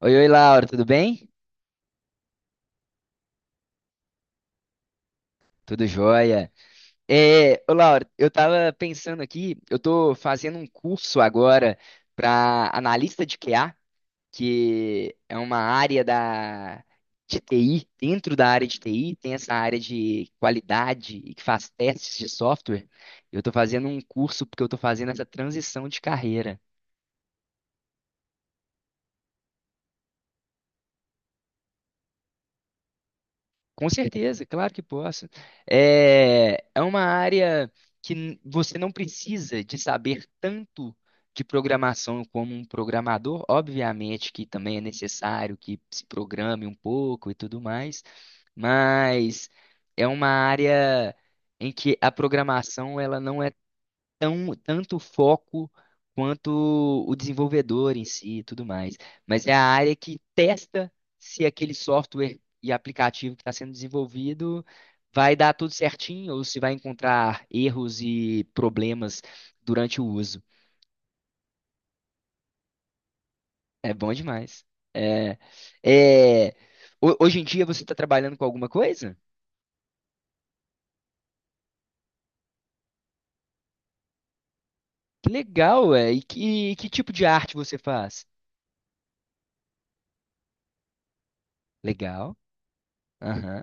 Oi, oi, Laura, tudo bem? Tudo jóia. Ô, Laura, eu tava pensando aqui, eu tô fazendo um curso agora para analista de QA, que é uma área de TI. Dentro da área de TI, tem essa área de qualidade e que faz testes de software. Eu tô fazendo um curso porque eu tô fazendo essa transição de carreira. Com certeza, claro que posso. É uma área você não precisa de saber tanto de programação como um programador. Obviamente que também é necessário que se programe um pouco e tudo mais, mas é uma área em que a programação ela não tanto o foco quanto o desenvolvedor em si e tudo mais. Mas é a área que testa se aquele software e aplicativo que está sendo desenvolvido vai dar tudo certinho ou se vai encontrar erros e problemas durante o uso. É bom demais. É, é, Ho- hoje em dia você está trabalhando com alguma coisa? Que legal, é. E que tipo de arte você faz? Legal. Aham.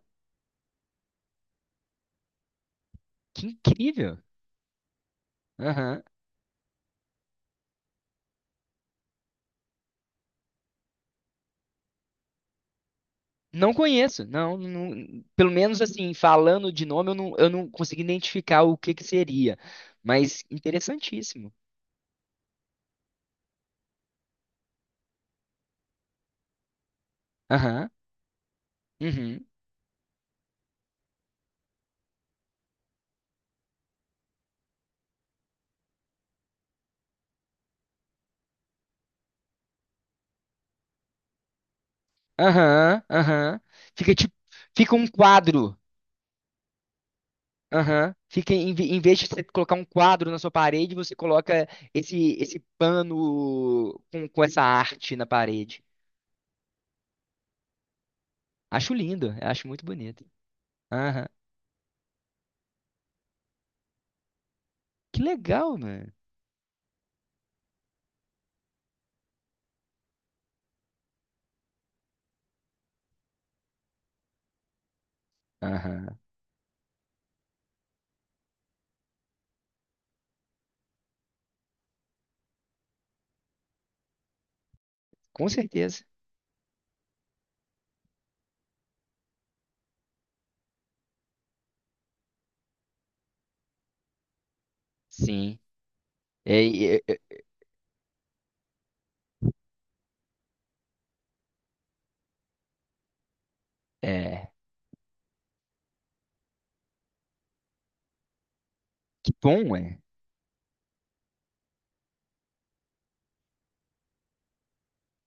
Que incrível. Não conheço, não, pelo menos assim, falando de nome, eu não consegui identificar o que que seria, mas interessantíssimo. Aham, uhum, aham, aham. Fica tipo, fica um quadro, aham. Fica, em, ve- em vez de você colocar um quadro na sua parede, você coloca esse pano com essa arte na parede. Acho lindo, acho muito bonito. Aham, que legal, mano. Aham, com certeza. Sim. é, é, é. é. Que bom, é.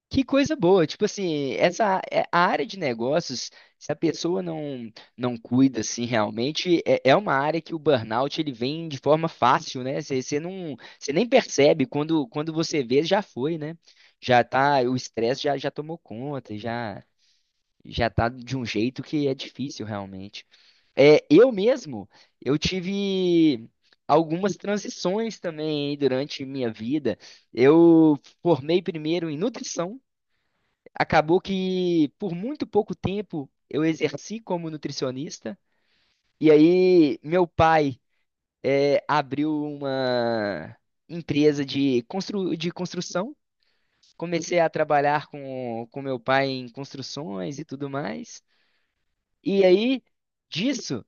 Que coisa boa. Tipo assim, a área de negócios, se a pessoa não não cuida assim realmente, é, é uma área que o burnout ele vem de forma fácil, né? Você não, você nem percebe quando você vê, já foi, né? Já tá, o estresse já tomou conta, já tá de um jeito que é difícil realmente. É, eu mesmo, eu tive algumas transições também aí durante minha vida. Eu formei primeiro em nutrição, acabou que por muito pouco tempo eu exerci como nutricionista, e aí meu pai abriu uma empresa de, constru de construção. Comecei a trabalhar com meu pai em construções e tudo mais. E aí, disso,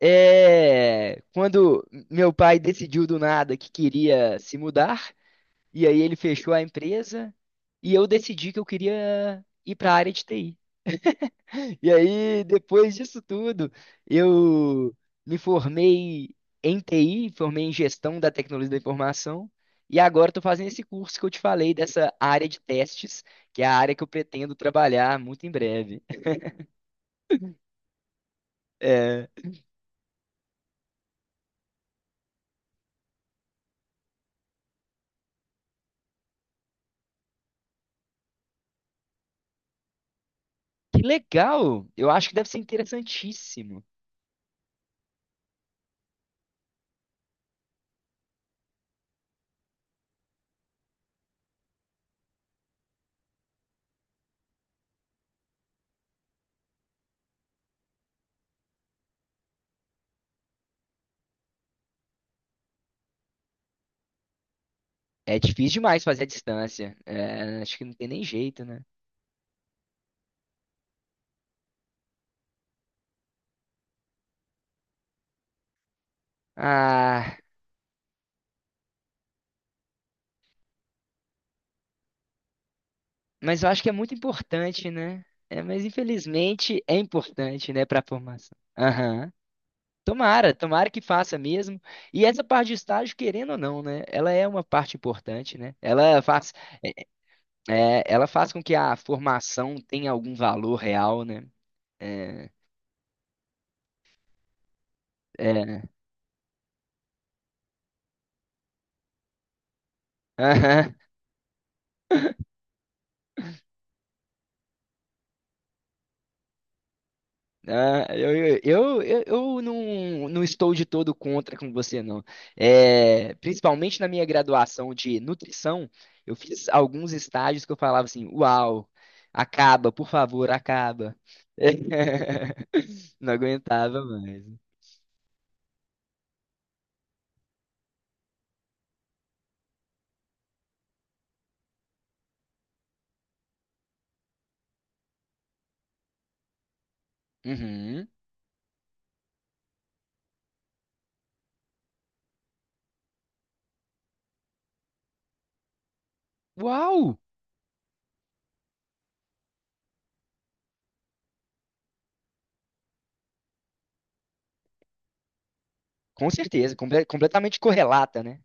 quando meu pai decidiu do nada que queria se mudar, e aí ele fechou a empresa, e eu decidi que eu queria ir para a área de TI. E aí, depois disso tudo, eu me formei em TI, formei em gestão da tecnologia da informação, e agora estou fazendo esse curso que eu te falei dessa área de testes, que é a área que eu pretendo trabalhar muito em breve. Que legal! Eu acho que deve ser interessantíssimo. É difícil demais fazer a distância. É, acho que não tem nem jeito, né? Ah, mas eu acho que é muito importante, né? É, mas infelizmente é importante, né, para a formação. Aham. Tomara, tomara que faça mesmo. E essa parte de estágio, querendo ou não, né? Ela é uma parte importante, né? É, ela faz com que a formação tenha algum valor real, né? É, é. Ah, eu não, não estou de todo contra com você, não. É, principalmente na minha graduação de nutrição, eu fiz alguns estágios que eu falava assim: Uau, acaba, por favor, acaba. Não aguentava mais. Uhum. Uau! Com certeza, completamente correlata, né?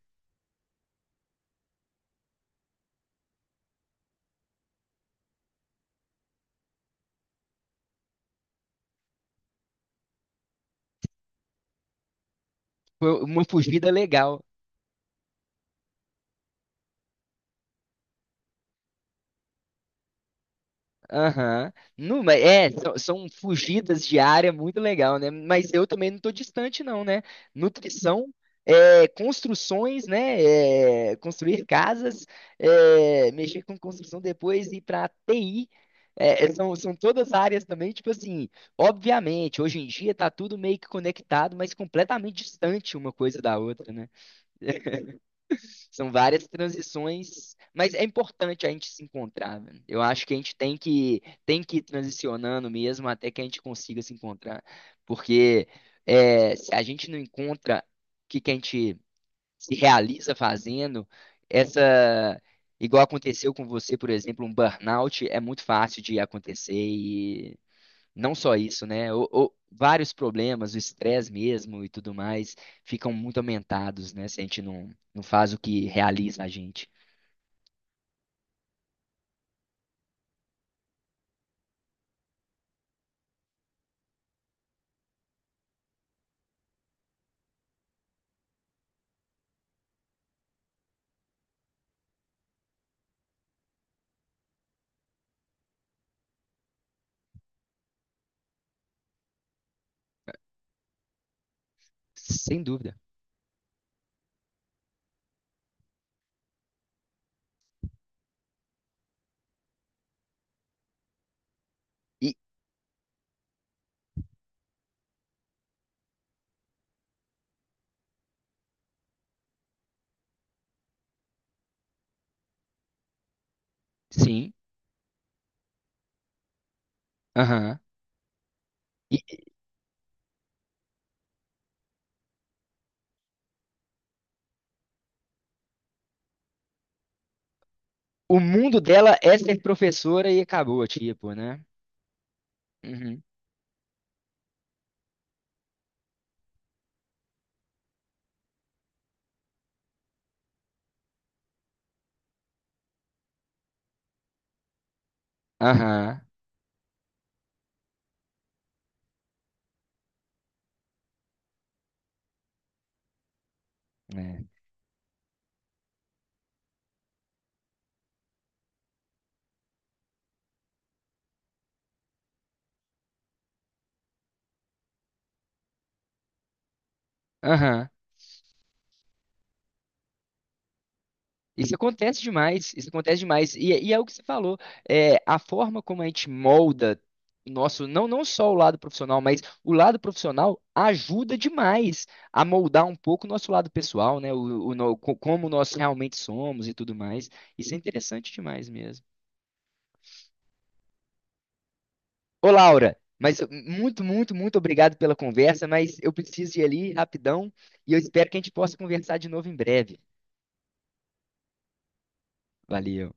Foi uma fugida legal. Aham. Não, mas é, são, são fugidas de área muito legal, né? Mas eu também não estou distante, não, né? Nutrição, é, construções, né? É, construir casas, é, mexer com construção depois e para TI. É, é, são, são todas áreas também, tipo assim, obviamente, hoje em dia tá tudo meio que conectado, mas completamente distante uma coisa da outra, né? São várias transições, mas é importante a gente se encontrar, velho. Eu acho que a gente tem que ir transicionando mesmo até que a gente consiga se encontrar, porque é, se a gente não encontra o que que a gente se realiza fazendo, essa igual aconteceu com você, por exemplo, um burnout é muito fácil de acontecer não só isso, né? Vários problemas, o estresse mesmo e tudo mais, ficam muito aumentados, né? Se a gente não, não faz o que realiza a gente. Sem dúvida. E sim, aham. E o mundo dela é ser professora e acabou, tipo, né? Uhum. Aham. é. Aham. Isso acontece demais, isso acontece demais. E é o que você falou, é, a forma como a gente molda o nosso, não, não só o lado profissional, mas o lado profissional ajuda demais a moldar um pouco o nosso lado pessoal, né? O no- co- como nós realmente somos e tudo mais. Isso é interessante demais mesmo. Ô, Laura, mas muito, muito, muito obrigado pela conversa, mas eu preciso ir ali rapidão e eu espero que a gente possa conversar de novo em breve. Valeu.